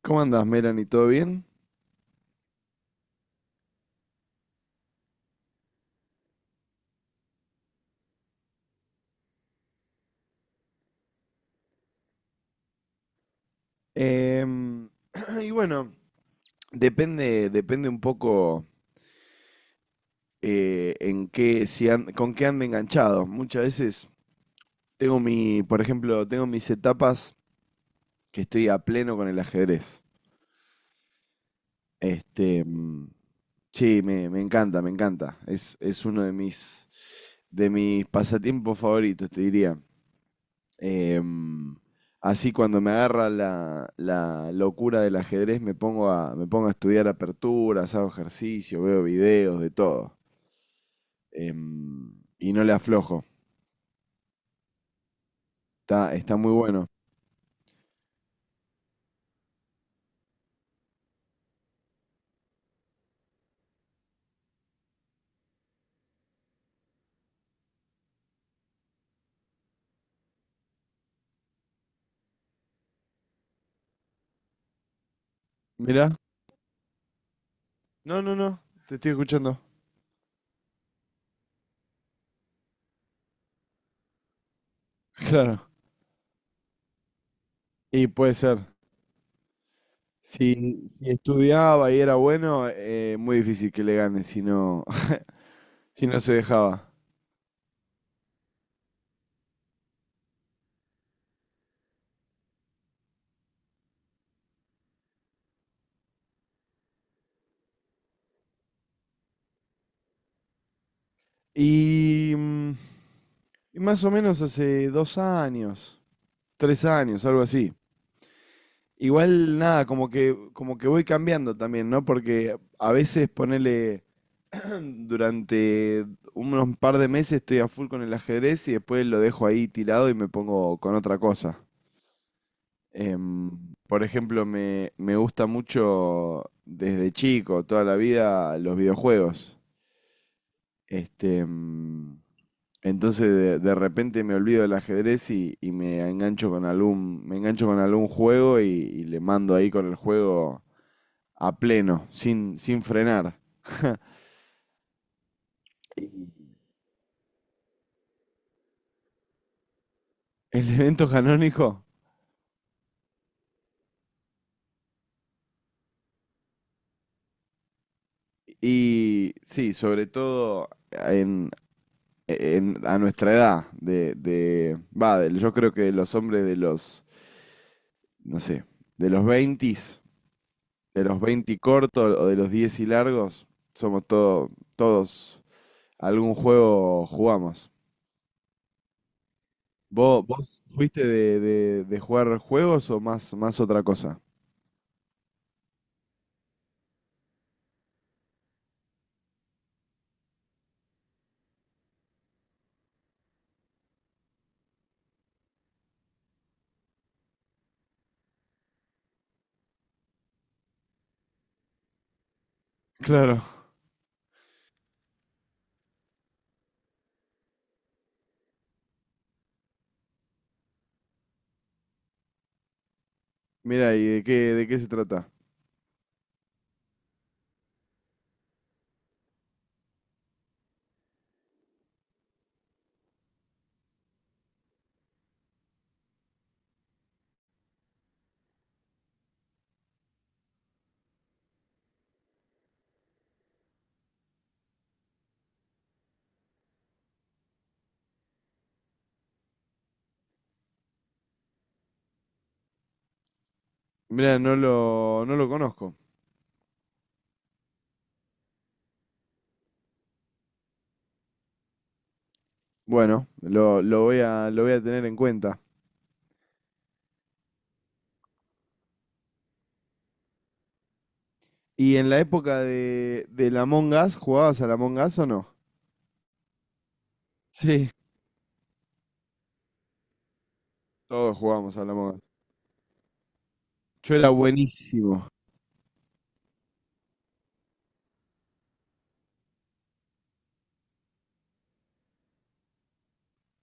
¿Cómo andás, Melanie? ¿Todo bien? Em, y bueno, depende un poco en qué, si an- con qué ande enganchado. Muchas veces por ejemplo, tengo mis etapas que estoy a pleno con el ajedrez. Este, mm, sí, me encanta, me encanta. Es uno de mis pasatiempos favoritos, te diría. Em, Así cuando me agarra la locura del ajedrez me pongo a estudiar aperturas, hago ejercicio, veo videos, de todo. Em, y no le aflojo. Está muy bueno. Mirá. No, no, no. Te estoy escuchando. Claro. Y puede ser. Si estudiaba y era bueno, muy difícil que le gane si no, si no se dejaba. Y, mm, y más o menos hace 2 años, 3 años, algo así. Igual nada, como que voy cambiando también, ¿no? Porque a veces ponele durante unos par de meses estoy a full con el ajedrez y después lo dejo ahí tirado y me pongo con otra cosa. Em, por ejemplo, me gusta mucho desde chico, toda la vida, los videojuegos. Este, em, entonces de repente me olvido del ajedrez y me engancho con algún juego y le mando ahí con el juego a pleno, sin frenar. El evento canónico. Y sí, sobre todo a nuestra edad, yo creo que los hombres de no sé, de los 20, de los 20 cortos o de los 10 y largos, somos todos, algún juego jugamos. ¿Vos fuiste de jugar juegos o más otra cosa? Claro. Mira, ¿y de qué se trata? Mirá, no lo conozco. Bueno, lo voy a tener en cuenta. ¿Y en la época del Among Us, jugabas al Among Us o no? Sí. Todos jugábamos al Among Us. Yo era buenísimo.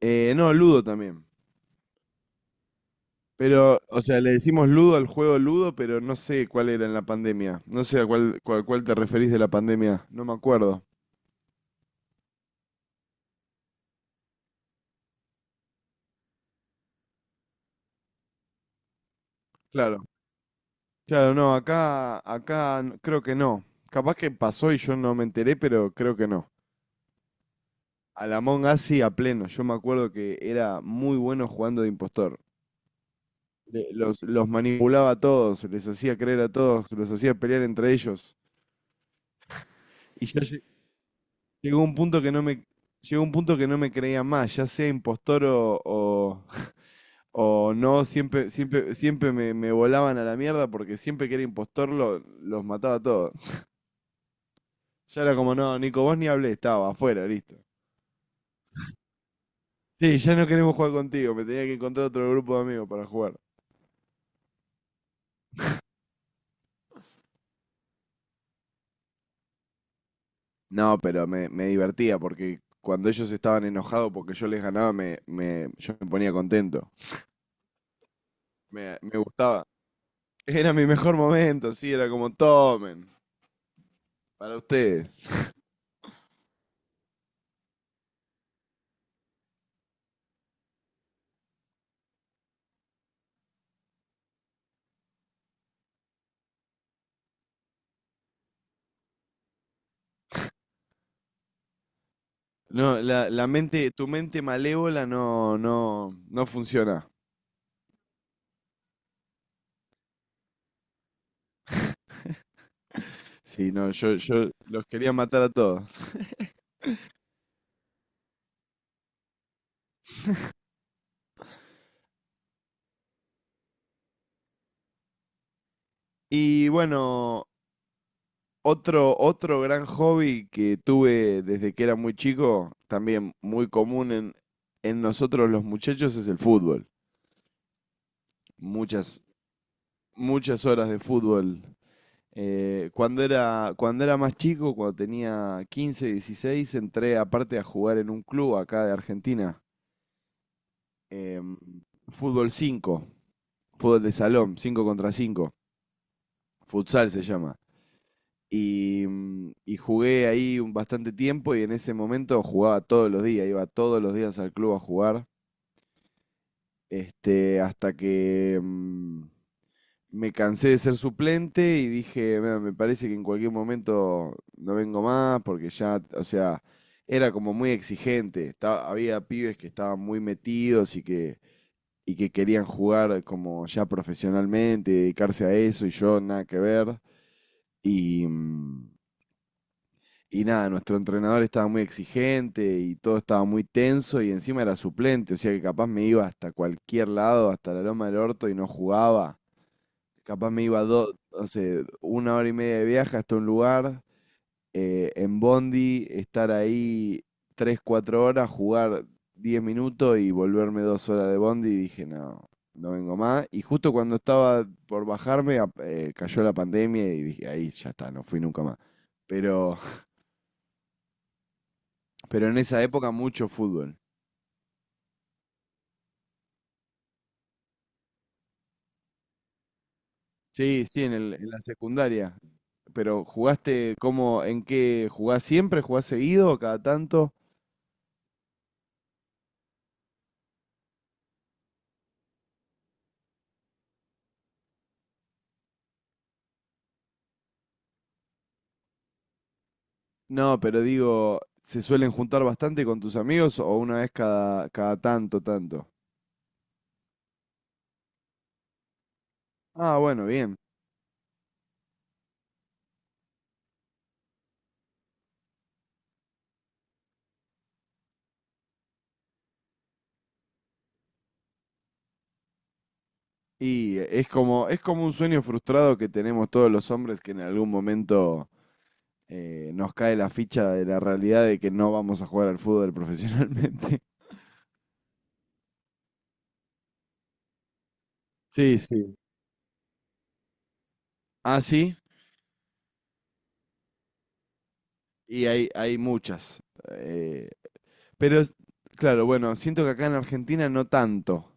No, Ludo también. Pero, o sea, le decimos Ludo al juego Ludo, pero no sé cuál era en la pandemia. No sé a cuál te referís de la pandemia. No me acuerdo. Claro. Claro, no, acá creo que no. Capaz que pasó y yo no me enteré, pero creo que no. Al Among Us sí, a pleno. Yo me acuerdo que era muy bueno jugando de impostor. Los manipulaba a todos, les hacía creer a todos, los hacía pelear entre ellos. Y ya llegó un punto que no me, llegó un punto que no me creía más, ya sea impostor o no, siempre, siempre, siempre me volaban a la mierda porque siempre que era impostor los mataba a todos. Ya era como, "No, Nico, vos ni hablé, estaba afuera, listo. Sí, ya no queremos jugar contigo", me tenía que encontrar otro grupo de amigos para jugar. No, pero me divertía porque cuando ellos estaban enojados porque yo les ganaba, yo me ponía contento. Me gustaba. Era mi mejor momento, sí, era como tomen, para ustedes. No, tu mente malévola no, no, no funciona. Sí, no, yo los quería matar a todos. Y bueno, otro gran hobby que tuve desde que era muy chico, también muy común en nosotros los muchachos, es el fútbol. Muchas, muchas horas de fútbol. Cuando era, más chico, cuando tenía 15, 16, entré aparte a jugar en un club acá de Argentina. em, Fútbol cinco, fútbol de salón, 5 contra cinco, futsal se llama. Y jugué ahí un bastante tiempo y en ese momento jugaba todos los días, iba todos los días al club a jugar, hasta que, me cansé de ser suplente y dije: "Mira, me parece que en cualquier momento no vengo más porque ya, o sea, era como muy exigente. Había pibes que estaban muy metidos y que querían jugar como ya profesionalmente, dedicarse a eso y yo nada que ver". Y, mm, y nada, nuestro entrenador estaba muy exigente y todo estaba muy tenso y encima era suplente, o sea que capaz me iba hasta cualquier lado, hasta la loma del orto y no jugaba. Capaz me iba dos, no sé, una hora y media de viaje hasta un lugar, en Bondi, estar ahí 3, 4 horas, jugar 10 minutos y volverme 2 horas de Bondi y dije: no, no vengo más. Y justo cuando estaba por bajarme, cayó la pandemia y dije: ahí ya está, no fui nunca más. Pero, pero en esa época mucho fútbol. Sí, sí, en la secundaria. Pero jugaste cómo, ¿en qué? ¿Jugás siempre? ¿Jugás seguido? ¿Cada tanto? No, pero digo, ¿se suelen juntar bastante con tus amigos o una vez cada tanto, tanto? Ah, bueno, bien. Y es como un sueño frustrado que tenemos todos los hombres que en algún momento nos cae la ficha de la realidad de que no vamos a jugar al fútbol profesionalmente. Sí, sí. Ah, sí, y hay muchas. eh, pero, claro, bueno, siento que acá en Argentina no tanto.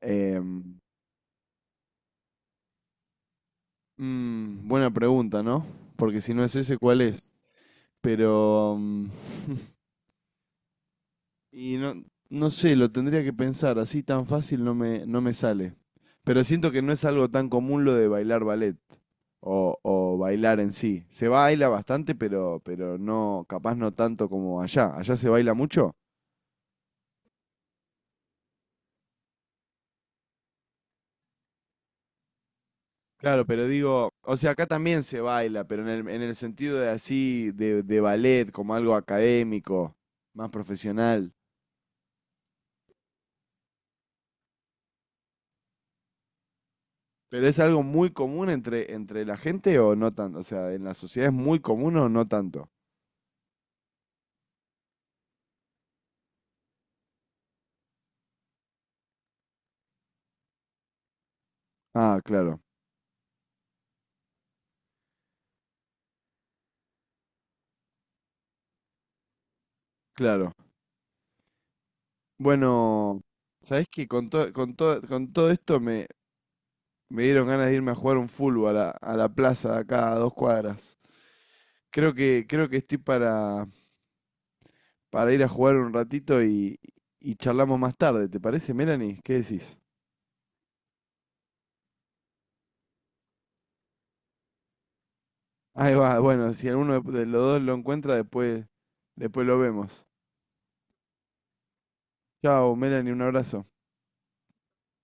Em, Buena pregunta, ¿no? Porque si no es ese, ¿cuál es? Pero Y no, no sé, lo tendría que pensar, así tan fácil no me sale. Pero siento que no es algo tan común lo de bailar ballet o bailar en sí. Se baila bastante, pero no, capaz no tanto como allá. ¿Allá se baila mucho? Claro, pero digo, o sea, acá también se baila, pero en el sentido de así, de ballet, como algo académico, más profesional. ¿Pero es algo muy común entre la gente o no tanto? O sea, ¿en la sociedad es muy común o no tanto? Ah, claro, claro. Bueno, ¿sabés qué? Con todo esto me dieron ganas de irme a jugar un fútbol a la plaza de acá a 2 cuadras. Creo que estoy para ir a jugar un ratito y charlamos más tarde. ¿Te parece, Melanie? ¿Qué decís? Ahí va, bueno, si alguno de los dos lo encuentra, después lo vemos. Chao, Melanie, un abrazo.